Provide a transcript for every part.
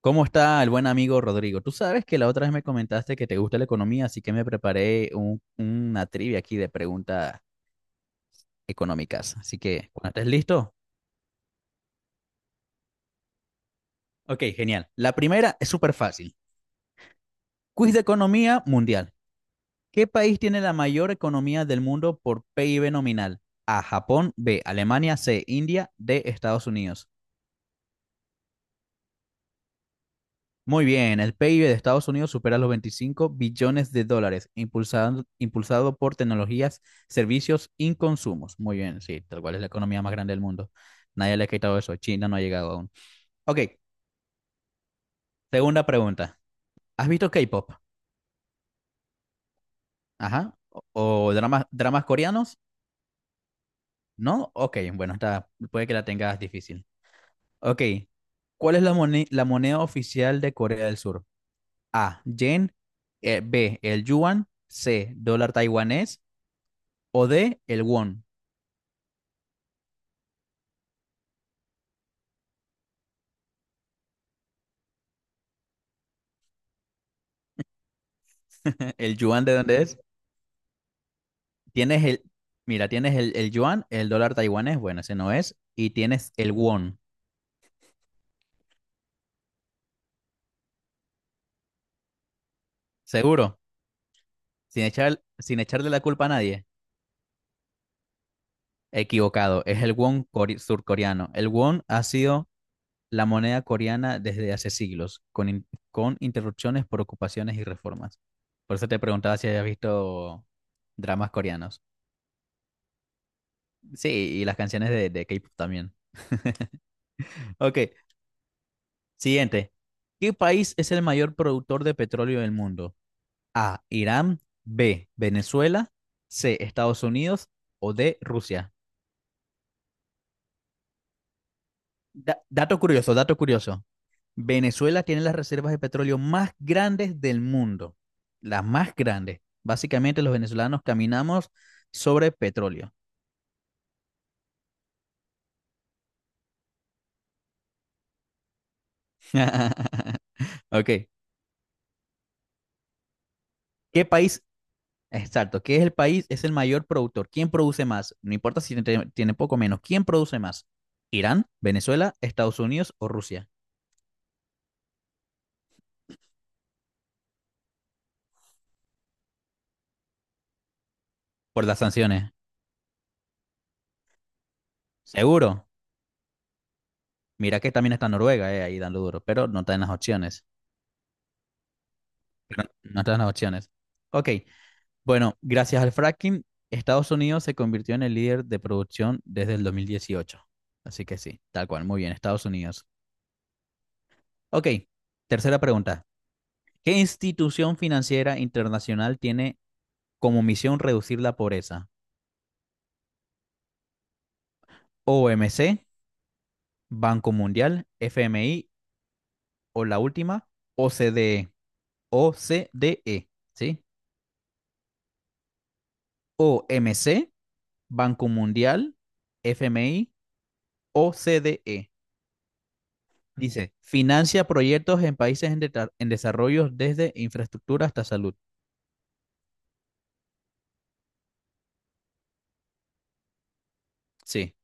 ¿Cómo está el buen amigo Rodrigo? Tú sabes que la otra vez me comentaste que te gusta la economía, así que me preparé una trivia aquí de preguntas económicas. Así que, cuando estés listo. Ok, genial. La primera es súper fácil. Quiz de economía mundial. ¿Qué país tiene la mayor economía del mundo por PIB nominal? A, Japón, B, Alemania, C, India, D, Estados Unidos. Muy bien, el PIB de Estados Unidos supera los 25 billones de dólares, impulsado por tecnologías, servicios y consumos. Muy bien, sí, tal cual es la economía más grande del mundo. Nadie le ha quitado eso, China no ha llegado aún. Ok, segunda pregunta. ¿Has visto K-pop? Ajá. ¿O, o dramas coreanos? ¿No? Ok, bueno, puede que la tengas difícil. Ok, ¿cuál es la moneda oficial de Corea del Sur? A, yen, B, el yuan, C, dólar taiwanés o D, el won. ¿El yuan de dónde es? Tienes mira, tienes el yuan, el dólar taiwanés, bueno, ese no es. Y tienes el won. Seguro, sin echarle la culpa a nadie. Equivocado, es el surcoreano. El won ha sido la moneda coreana desde hace siglos, con interrupciones por ocupaciones y reformas. Por eso te preguntaba si habías visto dramas coreanos. Sí, y las canciones de K-pop también. Ok, siguiente. ¿Qué país es el mayor productor de petróleo del mundo? A, Irán, B, Venezuela, C, Estados Unidos, o D, Rusia. Dato curioso, dato curioso. Venezuela tiene las reservas de petróleo más grandes del mundo. Las más grandes. Básicamente los venezolanos caminamos sobre petróleo. Ok. ¿Qué país Exacto. ¿Qué es el país? Es el mayor productor. ¿Quién produce más? No importa si tiene poco o menos. ¿Quién produce más? ¿Irán, Venezuela, Estados Unidos o Rusia? Por las sanciones. Seguro. Mira que también está Noruega, ahí dando duro, pero no está en las opciones. Pero no está en las opciones. Ok. Bueno, gracias al fracking, Estados Unidos se convirtió en el líder de producción desde el 2018. Así que sí, tal cual. Muy bien, Estados Unidos. Ok. Tercera pregunta. ¿Qué institución financiera internacional tiene como misión reducir la pobreza? OMC, Banco Mundial, FMI o la última, OCDE. OCDE, ¿sí? OMC, Banco Mundial, FMI, OCDE. Dice, financia proyectos en países en desarrollo, desde infraestructura hasta salud. Sí,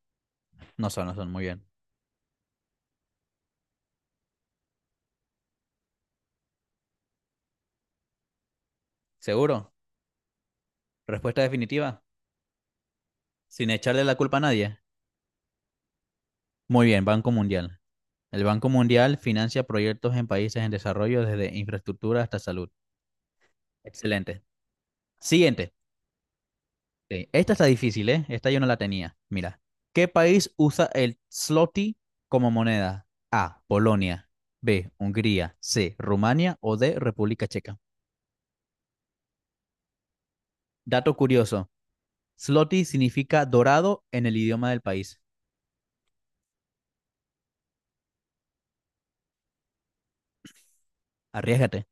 no son, muy bien. ¿Seguro? Respuesta definitiva, sin echarle la culpa a nadie. Muy bien, Banco Mundial. El Banco Mundial financia proyectos en países en desarrollo, desde infraestructura hasta salud. Excelente. Siguiente. Sí. Esta está difícil, ¿eh? Esta yo no la tenía. Mira. ¿Qué país usa el zloty como moneda? A, Polonia, B, Hungría, C, Rumania, o D, República Checa. Dato curioso. Zloty significa dorado en el idioma del país. Arriésgate.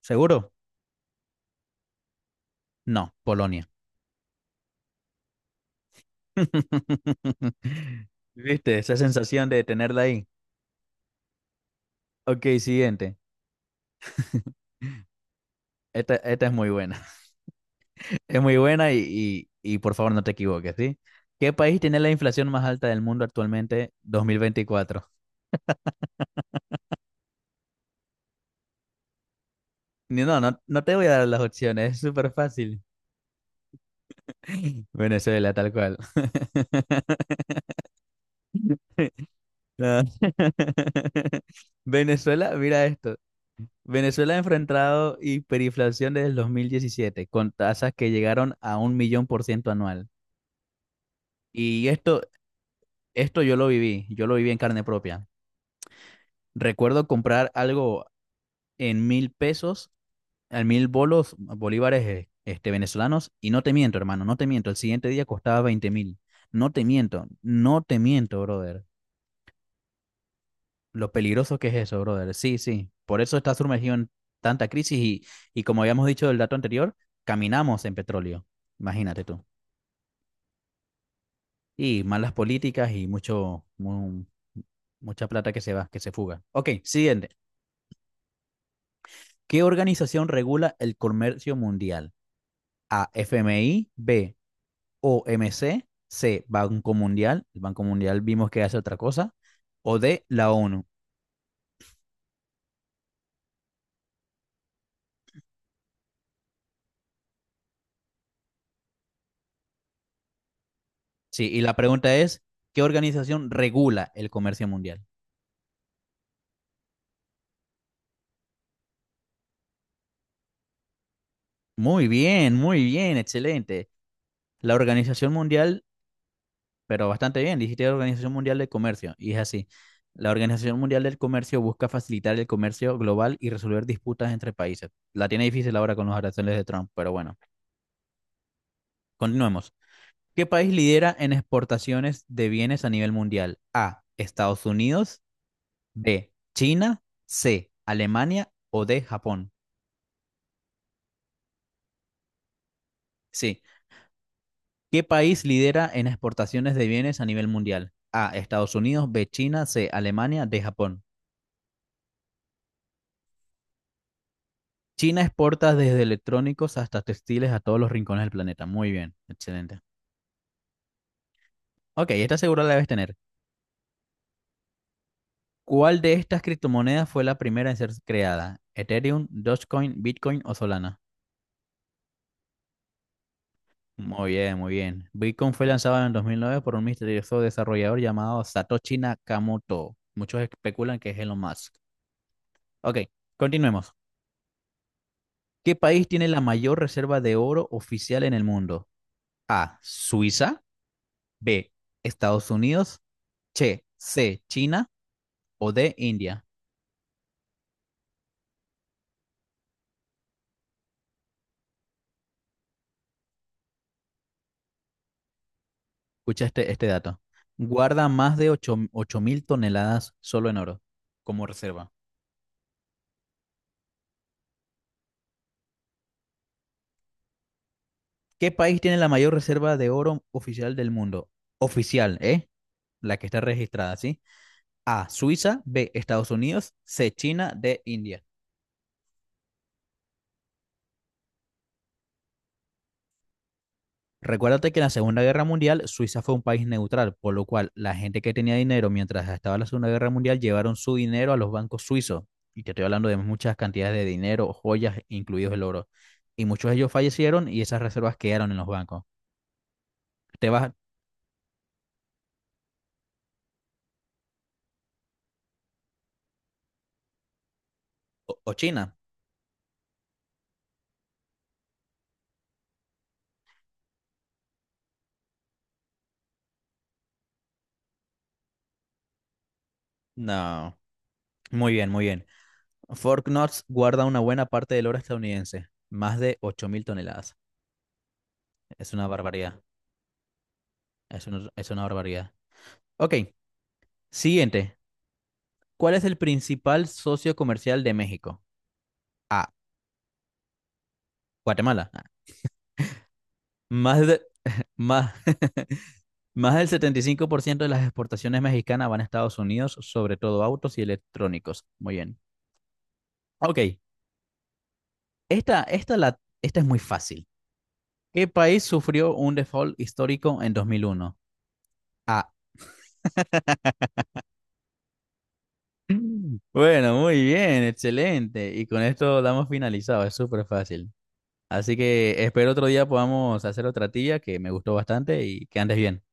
¿Seguro? No. Polonia. ¿Viste? Esa sensación de tenerla ahí. Ok, siguiente. Esta es muy buena. Es muy buena y, por favor no te equivoques, ¿sí? ¿Qué país tiene la inflación más alta del mundo actualmente, 2024? No, no, no te voy a dar las opciones, es súper fácil. Venezuela, tal cual. No. Venezuela, mira esto. Venezuela ha enfrentado hiperinflación desde el 2017, con tasas que llegaron a 1.000.000% anual. Y esto yo lo viví en carne propia. Recuerdo comprar algo en 1.000 pesos, en 1.000 bolos, bolívares venezolanos, y no te miento, hermano, no te miento, el siguiente día costaba 20.000. No te miento, no te miento, brother. Lo peligroso que es eso, brother. Sí, sí. Por eso está sumergido en tanta crisis y como habíamos dicho del dato anterior, caminamos en petróleo. Imagínate tú. Y malas políticas y mucha plata que se va, que se fuga. Ok, siguiente. ¿Qué organización regula el comercio mundial? A, F M I B, O MC, C, Banco Mundial, el Banco Mundial vimos que hace otra cosa, o D, la ONU. Sí, y la pregunta es, ¿qué organización regula el comercio mundial? Muy bien, excelente. La Organización Mundial, pero bastante bien, dijiste la Organización Mundial del Comercio, y es así. La Organización Mundial del Comercio busca facilitar el comercio global y resolver disputas entre países. La tiene difícil ahora con los aranceles de Trump, pero bueno, continuemos. ¿Qué país lidera en exportaciones de bienes a nivel mundial? A, Estados Unidos, B, China, C, Alemania o D, Japón. Sí. ¿Qué país lidera en exportaciones de bienes a nivel mundial? A, Estados Unidos, B, China, C, Alemania, D, Japón. China exporta desde electrónicos hasta textiles a todos los rincones del planeta. Muy bien, excelente. Ok, esta segura la debes tener. ¿Cuál de estas criptomonedas fue la primera en ser creada? ¿Ethereum, Dogecoin, Bitcoin o Solana? Muy bien, muy bien. Bitcoin fue lanzado en el 2009 por un misterioso desarrollador llamado Satoshi Nakamoto. Muchos especulan que es Elon Musk. Ok, continuemos. ¿Qué país tiene la mayor reserva de oro oficial en el mundo? A, Suiza, B, Estados Unidos, che, C, China, o D, India. Escucha este dato. Guarda más de 8.000 toneladas solo en oro como reserva. ¿Qué país tiene la mayor reserva de oro oficial del mundo? Oficial, ¿eh? La que está registrada, ¿sí? A, Suiza, B, Estados Unidos, C, China, D, India. Recuérdate que en la Segunda Guerra Mundial Suiza fue un país neutral, por lo cual la gente que tenía dinero mientras estaba la Segunda Guerra Mundial llevaron su dinero a los bancos suizos. Y te estoy hablando de muchas cantidades de dinero, joyas, incluidos el oro. Y muchos de ellos fallecieron y esas reservas quedaron en los bancos. ¿Te vas o China? No. Muy bien, muy bien. Knox guarda una buena parte del oro estadounidense, más de 8.000 toneladas. Es una barbaridad, es es una barbaridad. Ok, siguiente. ¿Cuál es el principal socio comercial de México? A, Guatemala. Más, de- más, más del 75% de las exportaciones mexicanas van a Estados Unidos, sobre todo autos y electrónicos. Muy bien. Ok, esta es muy fácil. ¿Qué país sufrió un default histórico en 2001? A. Bueno, muy bien, excelente. Y con esto damos finalizado, es súper fácil. Así que espero otro día podamos hacer otra tía que me gustó bastante y que andes bien.